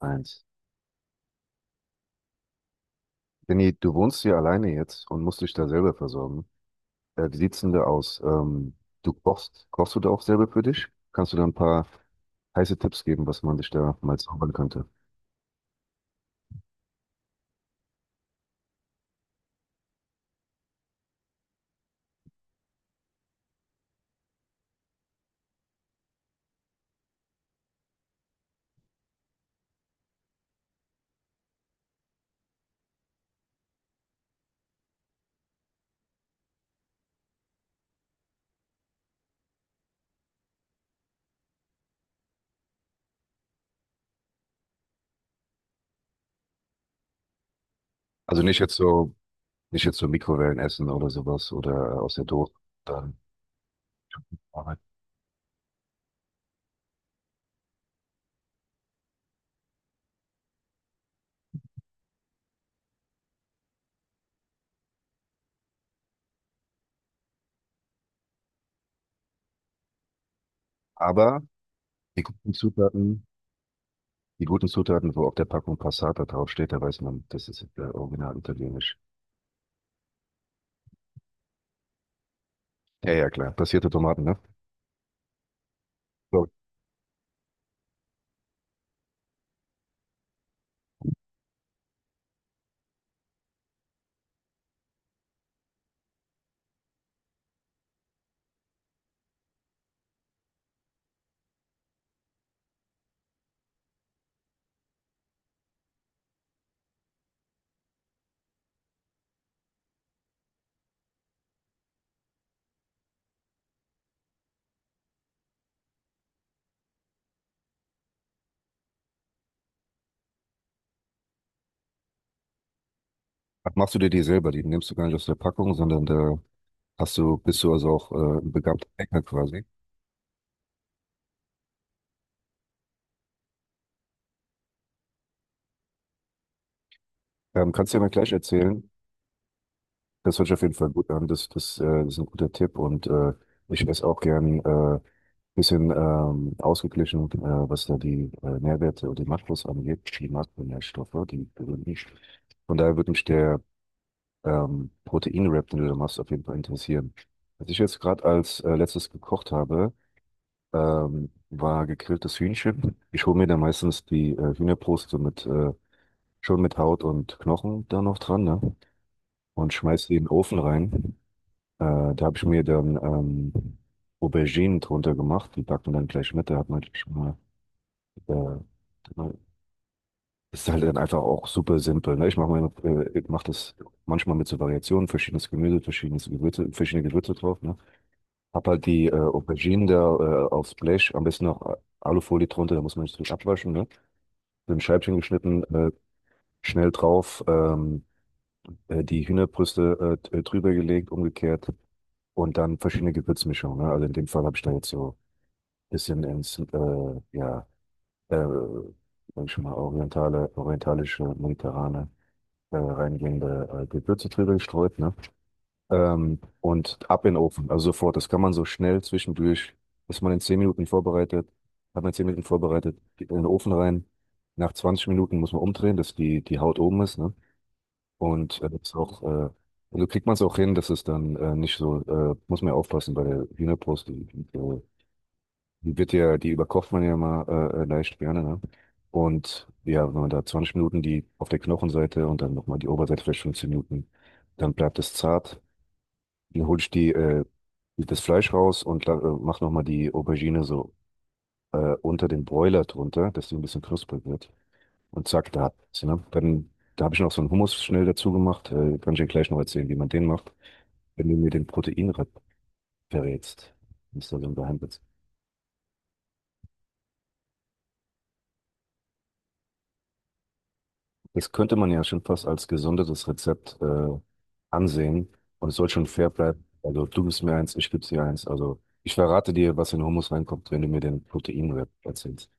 Eins. Benni, du wohnst hier alleine jetzt und musst dich da selber versorgen. Wie sieht's denn da aus? Du kochst, kochst du da auch selber für dich? Kannst du da ein paar heiße Tipps geben, was man sich da mal zaubern könnte? Also nicht jetzt so, nicht jetzt so Mikrowellenessen oder sowas oder aus der Dose. Dann. Arbeit. Aber die guten Zutaten, die guten Zutaten, wo auf der Packung Passata draufsteht, da weiß man, das ist original italienisch. Ja, ja, klar. Passierte Tomaten, ne? So. Machst du dir die selber? Die nimmst du gar nicht aus der Packung, sondern da hast du, bist du also auch ein begabter Hacker quasi? Kannst du ja mal gleich erzählen. Das hört sich auf jeden Fall gut an. Das ist ein guter Tipp und ich esse auch gern bisschen ausgeglichen, was da die Nährwerte und die Makros angeht, die Makronährstoffe, die berühren mich. Von daher würde mich der Protein-Wrap, den du da machst, auf jeden Fall interessieren. Was ich jetzt gerade als letztes gekocht habe, war gegrilltes Hühnchen. Ich hole mir da meistens die Hühnerbrust so mit schon mit Haut und Knochen da noch dran, ne? Und schmeißt die in den Ofen rein. Da habe ich mir dann Auberginen drunter gemacht, die backt man dann gleich mit. Da hat man schon mal, äh, mal- ist halt dann einfach auch super simpel. Ne? Ich mache meine, ich mach das manchmal mit so Variationen, verschiedenes Gemüse, verschiedenes Gewürze, verschiedene Gewürze drauf. Ne? Hab halt die Auberginen da aufs Blech, am besten noch Alufolie drunter, da muss man nicht so abwaschen. Ne? So ein Scheibchen geschnitten, schnell drauf. Die Hühnerbrüste drüber gelegt, umgekehrt und dann verschiedene Gewürzmischungen. Ne? Also in dem Fall habe ich da jetzt so ein bisschen ins, äh, sag ich schon mal, orientalische, mediterrane, reingehende Gewürze drüber gestreut. Ne? Und ab in den Ofen, also sofort. Das kann man so schnell zwischendurch, ist man in 10 Minuten vorbereitet, hat man in 10 Minuten vorbereitet, geht in den Ofen rein. Nach 20 Minuten muss man umdrehen, dass die, die Haut oben ist, ne? Und das ist auch, also kriegt man es auch hin, dass es dann nicht so, muss man ja aufpassen bei der Hühnerbrust, die wird ja, die überkocht man ja mal leicht gerne, ne? Und ja, wenn man da 20 Minuten die auf der Knochenseite und dann nochmal die Oberseite vielleicht 15 Minuten, dann bleibt es zart. Dann hole ich die, das Fleisch raus und mach nochmal die Aubergine so unter den Broiler drunter, dass die ein bisschen knusprig wird und zack, da hat's, ne? Dann, da habe ich noch so einen Hummus schnell dazu gemacht. Kann ich dir gleich noch erzählen, wie man den macht, wenn du mir den Proteinrep verrätst. Das ist da so ein Geheimrezept. Das könnte man ja schon fast als gesondertes Rezept ansehen und es soll schon fair bleiben. Also du gibst mir eins, ich gebe dir eins. Also ich verrate dir, was in Hummus reinkommt, wenn du mir den Proteinrep erzählst.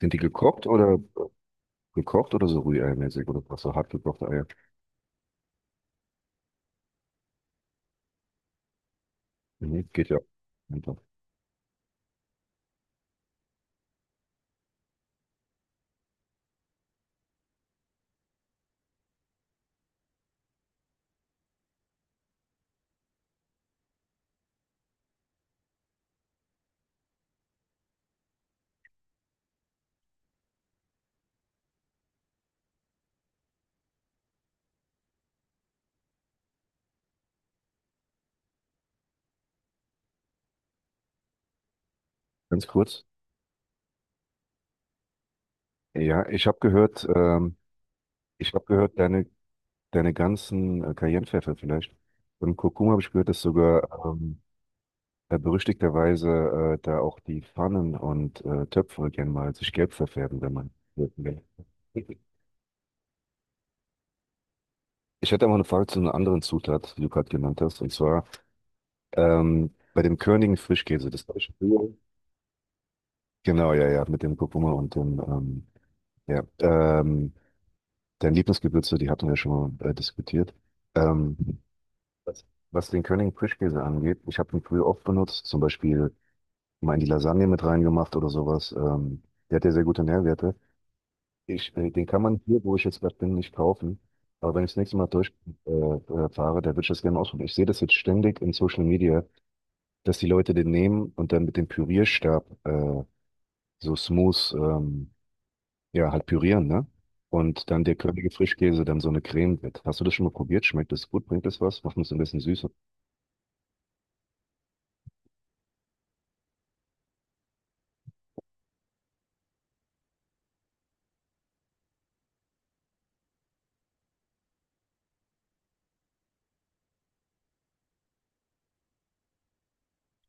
Sind die gekocht oder gekocht oder so rührei-mäßig oder was so hart gekochte Eier? Mhm, geht ja. Einfach. Ganz kurz. Ja, ich habe gehört, ich habe gehört, deine ganzen Cayennepfeffer vielleicht. Und Kurkuma habe ich gehört, dass sogar ähm, berüchtigterweise da auch die Pfannen und Töpfe gerne mal sich gelb verfärben, wenn man wirken will. Ich hätte aber eine Frage zu einer anderen Zutat, die du gerade genannt hast, und zwar bei dem körnigen Frischkäse. Das habe ich früher. Genau, ja, ja, mit dem Kurkuma und ja, ähm, dein Lieblingsgewürze, die hatten wir schon mal diskutiert. Ähm, Was was den Königen Frischkäse angeht, ich habe ihn früher oft benutzt, zum Beispiel mal in die Lasagne mit reingemacht oder sowas. Der hat ja sehr gute Nährwerte. Den kann man hier, wo ich jetzt gerade bin, nicht kaufen. Aber wenn ich das nächste Mal durch fahre, da würde ich das gerne ausprobieren. Ich sehe das jetzt ständig in Social Media, dass die Leute den nehmen und dann mit dem Pürierstab so smooth, ja, halt pürieren, ne? Und dann der körnige Frischkäse dann so eine Creme wird. Hast du das schon mal probiert? Schmeckt das gut? Bringt das was? Macht uns ein bisschen süßer.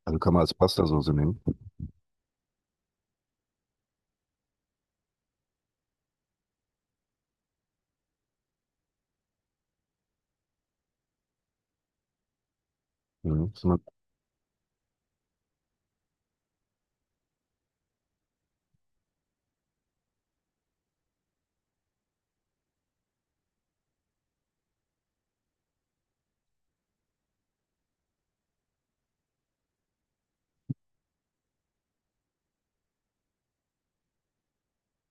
Also kann man als Pastasoße nehmen. Mhm. ist immer-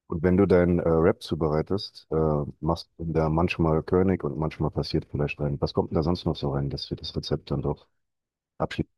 Und wenn du deinen Rap zubereitest, machst du da manchmal König und manchmal passiert vielleicht rein. Was kommt denn da sonst noch so rein, dass wir das Rezept dann doch abschieben?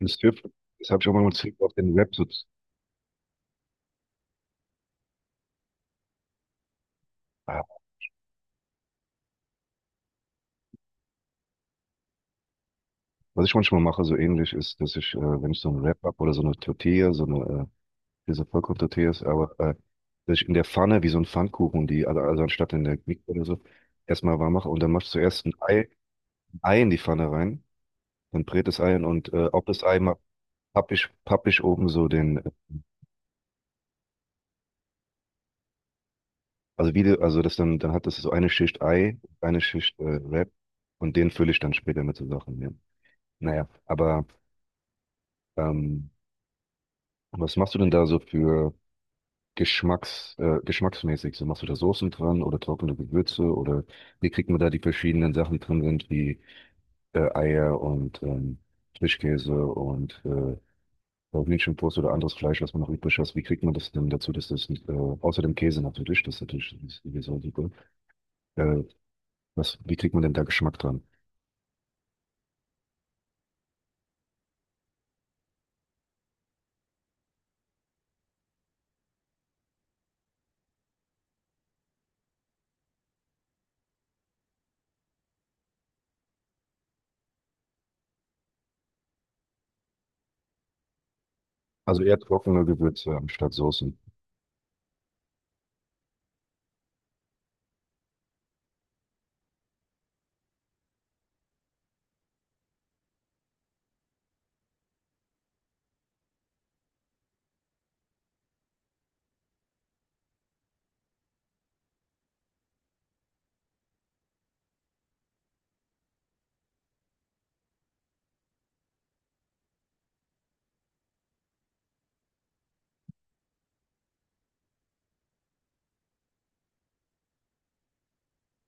Das Tipp, das habe ich auch mal mit Tipp auf den Rap so. Ah, was ich manchmal mache, so ähnlich ist, dass ich, wenn ich so einen Wrap hab oder so eine Tortilla, so eine, diese Vollkorn-Tortilla ist, aber dass ich in der Pfanne wie so ein Pfannkuchen, die, also anstatt in der Mikrowelle oder so, erstmal warm mache und dann machst du zuerst ein Ei in die Pfanne rein, dann brät das Ei an und ob das Ei hab ich oben so den, also wie, also das dann, dann hat das so eine Schicht Ei, eine Schicht Wrap und den fülle ich dann später mit so Sachen. Ja. Naja, aber ähm, was machst du denn da so für geschmacksmäßig? So machst du da Soßen dran oder trockene Gewürze oder wie kriegt man da die verschiedenen Sachen drin sind, wie Eier und Frischkäse und Hühnchenbrust oder anderes Fleisch, was man noch übrig hat, wie kriegt man das denn dazu, dass das, außer dem Käse natürlich, das ist natürlich sowieso super, äh, was, wie kriegt man denn da Geschmack dran? Also eher trockene Gewürze anstatt Soßen.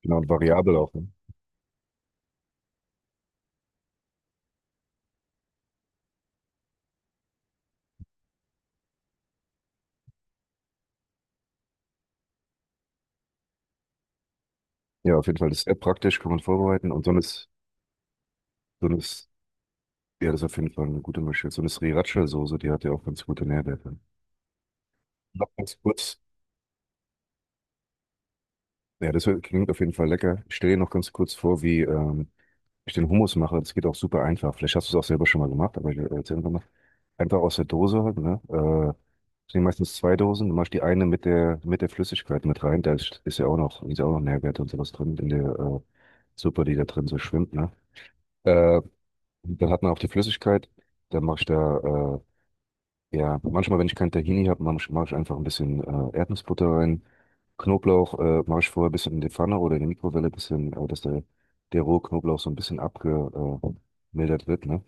Genau, und variabel auch. Ne? Ja, auf jeden Fall. Das ist sehr praktisch, kann man vorbereiten. Und so eine, so eine, S- ja, das ist auf jeden Fall eine gute Mischung. So eine Sriracha-Soße, die hat ja auch ganz gute Nährwerte. Noch ganz kurz. Ja, klingt auf jeden Fall lecker. Ich stelle dir noch ganz kurz vor, wie ich den Hummus mache. Das geht auch super einfach. Vielleicht hast du es auch selber schon mal gemacht, aber ich erzähle einfach mal. Einfach aus der Dose halt, ne? Das sind meistens zwei Dosen. Du machst die eine mit der Flüssigkeit mit rein. Da ist, ist ja auch noch Nährwerte und sowas drin in der Suppe, die da drin so schwimmt, ne? Äh, dann hat man auch die Flüssigkeit. Dann mache ich da, ja, manchmal, wenn ich kein Tahini habe, mache ich einfach ein bisschen Erdnussbutter rein. Knoblauch mache ich vorher ein bisschen in die Pfanne oder in die Mikrowelle ein bisschen, dass der rohe Knoblauch so ein bisschen abgemildert wird, ne?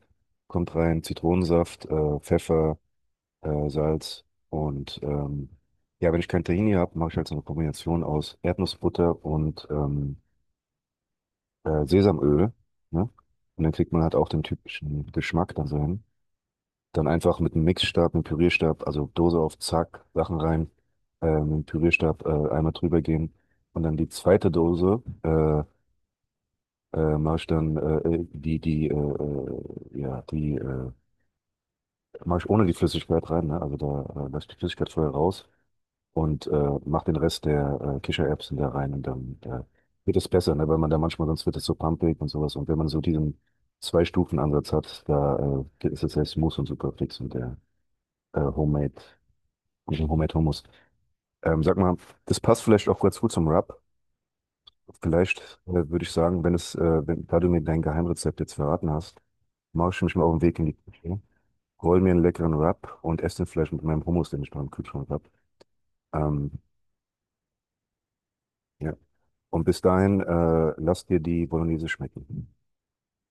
Kommt rein, Zitronensaft, Pfeffer Salz und ja, wenn ich kein Tahini habe, mache ich halt so eine Kombination aus Erdnussbutter und Sesamöl, ne? Und dann kriegt man halt auch den typischen Geschmack da so. Dann einfach mit einem Mixstab, einem Pürierstab, also Dose auf Zack, Sachen rein, mit dem Pürierstab einmal drüber gehen und dann die zweite Dose mache ich dann die die ja die mache ich ohne die Flüssigkeit rein, ne? Also da lasse ich die Flüssigkeit vorher raus und mach den Rest der Kichererbsen da rein und dann wird es besser, ne? Weil man da manchmal, sonst wird es so pampig und sowas. Und wenn man so diesen Zwei-Stufen-Ansatz hat, da ist es selbst Mousse und super fix und der äh, Homemade, Homemade Hummus. Sag mal, das passt vielleicht auch ganz gut zum Wrap. Vielleicht würde ich sagen, wenn, da du mir dein Geheimrezept jetzt verraten hast, mache ich mich mal auf den Weg in die Küche, roll mir einen leckeren Wrap und esse den vielleicht mit meinem Hummus, den ich beim Kühlschrank habe. Ähm, Ja. Und bis dahin, lass dir die Bolognese schmecken.